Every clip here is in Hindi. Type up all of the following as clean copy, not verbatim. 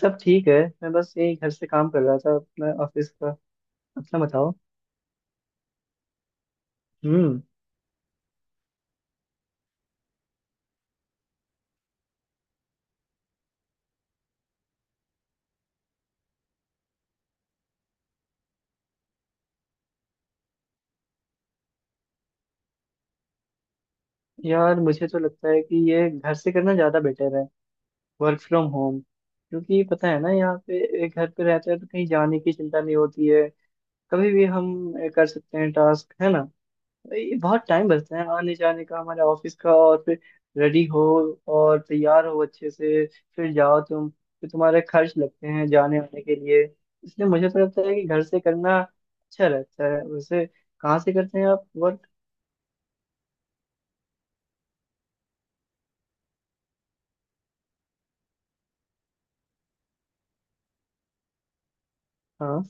सब ठीक है। मैं बस यही घर से काम कर रहा था अपना ऑफिस का। अपना बताओ। हम्म। यार मुझे तो लगता है कि ये घर से करना ज़्यादा बेटर है, वर्क फ्रॉम होम, क्योंकि पता है ना यहाँ पे घर पे रहते हैं तो कहीं जाने की चिंता नहीं होती है। कभी भी हम कर सकते हैं टास्क, है ना। ये बहुत टाइम बचता है आने जाने का हमारे ऑफिस का। और फिर रेडी हो और तैयार हो अच्छे से फिर जाओ तुम, फिर तुम्हारे खर्च लगते हैं जाने आने के लिए। इसलिए मुझे तो लगता है कि घर से करना अच्छा रहता है। वैसे कहाँ से करते हैं आप वर्क? हाँ।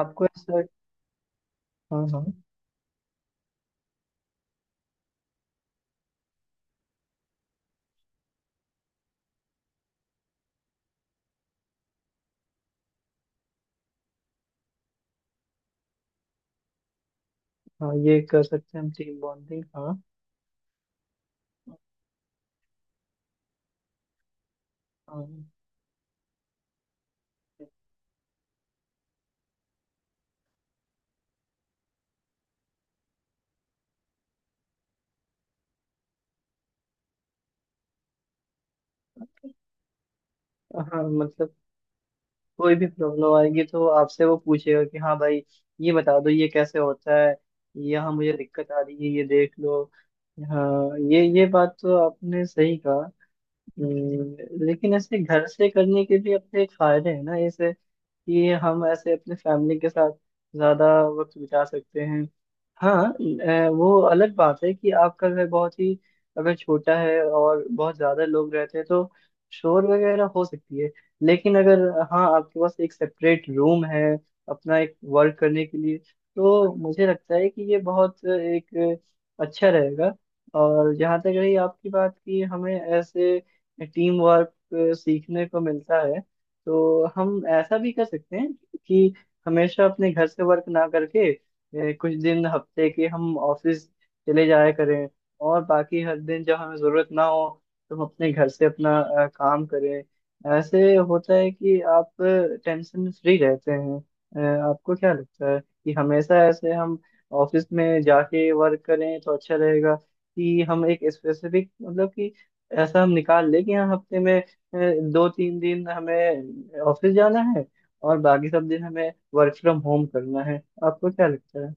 आपको ऐसा? हाँ हाँ। हाँ ये कर सकते हैं हम, टीम बॉन्डिंग, हाँ। हाँ हाँ, मतलब कोई भी प्रॉब्लम आएगी तो आपसे वो पूछेगा कि हाँ भाई ये बता दो ये कैसे होता है, यहाँ मुझे दिक्कत आ रही है ये देख लो। हाँ ये बात तो आपने सही कहा। लेकिन ऐसे घर से करने के भी अपने एक फायदे हैं ना, ऐसे कि हम ऐसे अपने फैमिली के साथ ज्यादा वक्त बिता सकते हैं। हाँ वो अलग बात है कि आपका घर बहुत ही अगर छोटा है और बहुत ज्यादा लोग रहते हैं तो शोर वगैरह हो सकती है। लेकिन अगर हाँ आपके पास एक सेपरेट रूम है अपना, एक वर्क करने के लिए, तो मुझे लगता है कि ये बहुत एक अच्छा रहेगा। और जहाँ तक रही आपकी बात कि हमें ऐसे टीम वर्क सीखने को मिलता है, तो हम ऐसा भी कर सकते हैं कि हमेशा अपने घर से वर्क ना करके कुछ दिन हफ्ते के हम ऑफिस चले जाया करें। और बाकी हर दिन जब हमें ज़रूरत ना हो तो हम अपने घर से अपना काम करें। ऐसे होता है कि आप टेंशन फ्री रहते हैं। अ, आपको क्या लगता है कि हमेशा ऐसे हम ऑफिस में जाके वर्क करें तो अच्छा रहेगा, कि हम एक स्पेसिफिक मतलब कि ऐसा हम निकाल लें कि हाँ हफ्ते में दो तीन दिन हमें ऑफिस जाना है और बाकी सब दिन हमें वर्क फ्रॉम होम करना है? आपको क्या लगता है?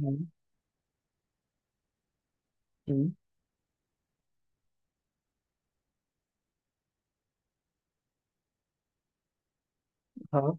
हम्म। हम्म, हाँ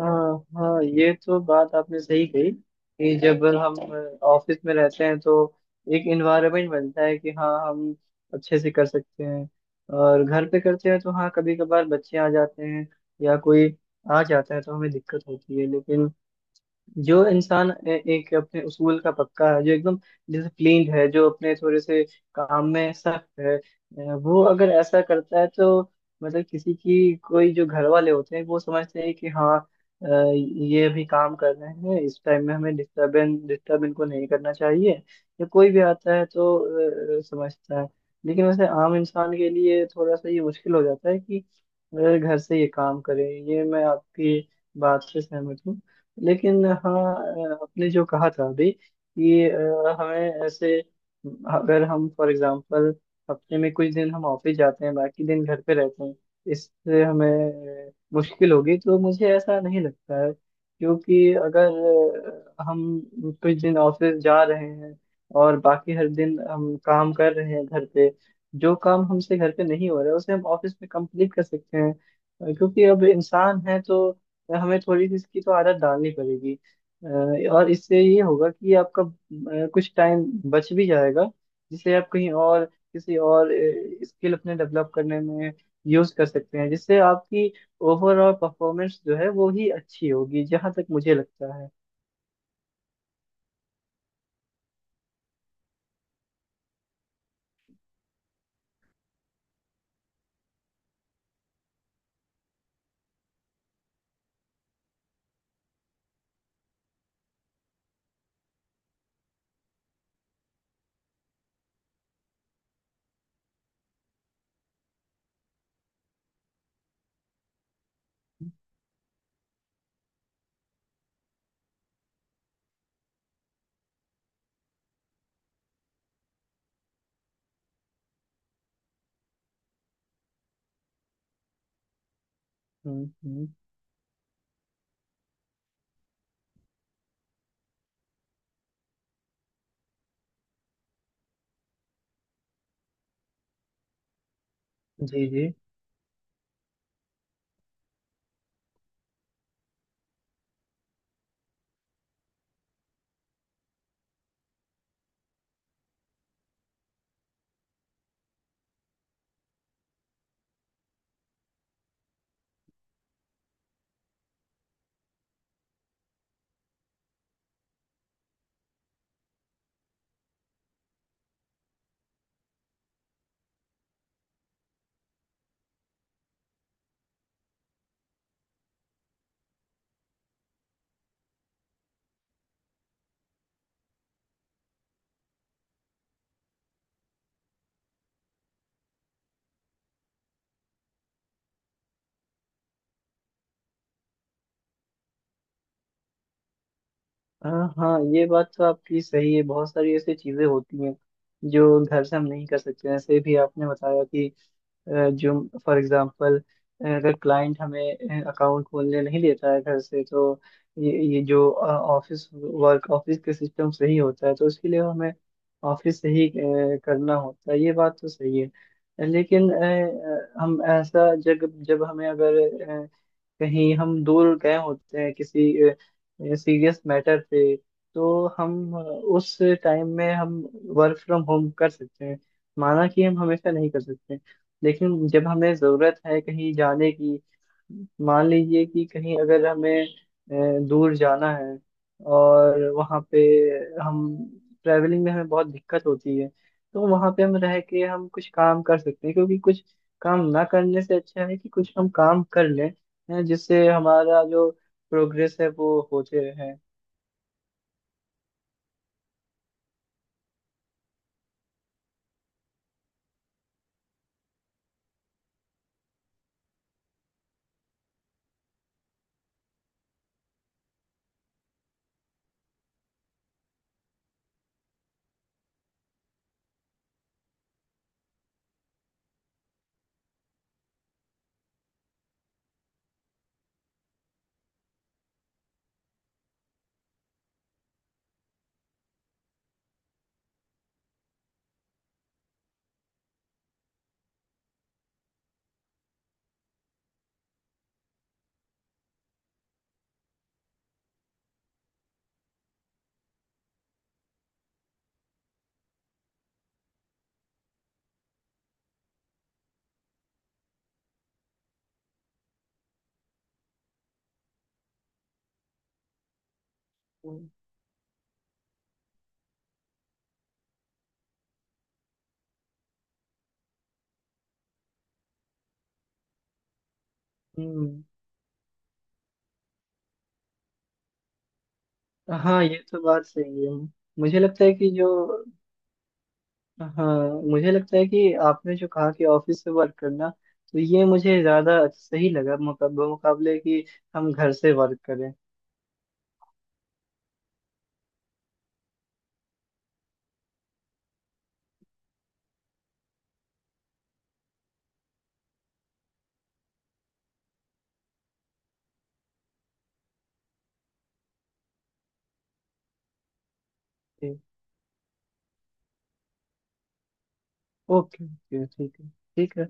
हाँ। हाँ ये तो बात आपने सही कही कि जब हम ऑफिस में रहते हैं तो एक इन्वायरमेंट बनता है कि हाँ हम अच्छे से कर सकते हैं। और घर पे करते हैं तो हाँ कभी कभार बच्चे आ जाते हैं या कोई आ जाता है तो हमें दिक्कत होती है। लेकिन जो इंसान एक अपने उसूल का पक्का है, जो एकदम डिसिप्लिन्ड है, जो अपने थोड़े से काम में सख्त है, वो अगर ऐसा करता है तो मतलब किसी की कोई जो घर वाले होते हैं वो समझते हैं कि हाँ ये अभी काम कर रहे हैं, इस टाइम में हमें डिस्टर्बेंस डिस्टर्ब इनको नहीं करना चाहिए। या कोई भी आता है तो समझता है। लेकिन वैसे आम इंसान के लिए थोड़ा सा ये मुश्किल हो जाता है कि घर से ये काम करें, ये मैं आपकी बात से सहमत हूँ। लेकिन हाँ आपने जो कहा था अभी कि हमें ऐसे अगर हम फॉर एग्जांपल हफ्ते में कुछ दिन हम ऑफिस जाते हैं बाकी दिन घर पे रहते हैं, इससे हमें मुश्किल होगी तो मुझे ऐसा नहीं लगता है। क्योंकि अगर हम कुछ दिन ऑफिस जा रहे हैं और बाकी हर दिन हम काम कर रहे हैं घर पे, जो काम हमसे घर पे नहीं हो रहा है उसे हम ऑफिस में कंप्लीट कर सकते हैं। क्योंकि अब इंसान है तो हमें थोड़ी सी इसकी तो आदत डालनी पड़ेगी। अ, और इससे ये होगा कि आपका कुछ टाइम बच भी जाएगा, जिसे आप कहीं और किसी और स्किल अपने डेवलप करने में यूज कर सकते हैं, जिससे आपकी ओवरऑल परफॉर्मेंस जो है वो ही अच्छी होगी, जहां तक मुझे लगता है। हम्म। जी जी। अ, हाँ ये बात तो आपकी सही है। बहुत सारी ऐसी चीजें होती हैं जो घर से हम नहीं कर सकते, जैसे भी आपने बताया कि जो फॉर एग्जांपल अगर क्लाइंट हमें अकाउंट खोलने नहीं देता है घर से, तो ये जो ऑफिस वर्क ऑफिस के सिस्टम से ही होता है तो उसके लिए हमें ऑफिस से ही करना होता है, ये बात तो सही है। लेकिन हम ऐसा जब जब हमें अगर कहीं हम दूर गए होते हैं किसी सीरियस मैटर पे तो हम उस टाइम में हम वर्क फ्रॉम होम कर सकते हैं। माना कि हम हमेशा नहीं कर सकते, लेकिन जब हमें ज़रूरत है कहीं जाने की, मान लीजिए कि कहीं अगर हमें दूर जाना है और वहाँ पे हम ट्रैवलिंग में हमें बहुत दिक्कत होती है, तो वहाँ पे हम रह के हम कुछ काम कर सकते हैं। क्योंकि कुछ काम ना करने से अच्छा है कि कुछ हम काम कर लें, हैं जिससे हमारा जो प्रोग्रेस है वो होते रहे। हम्म। हाँ ये तो बात सही है। मुझे लगता है कि जो, हाँ, मुझे लगता है कि आपने जो कहा कि ऑफिस से वर्क करना, तो ये मुझे ज्यादा सही लगा मुकाबले मुकाबले कि हम घर से वर्क करें। ठीक। ओके ओके, ठीक है। ठीक है।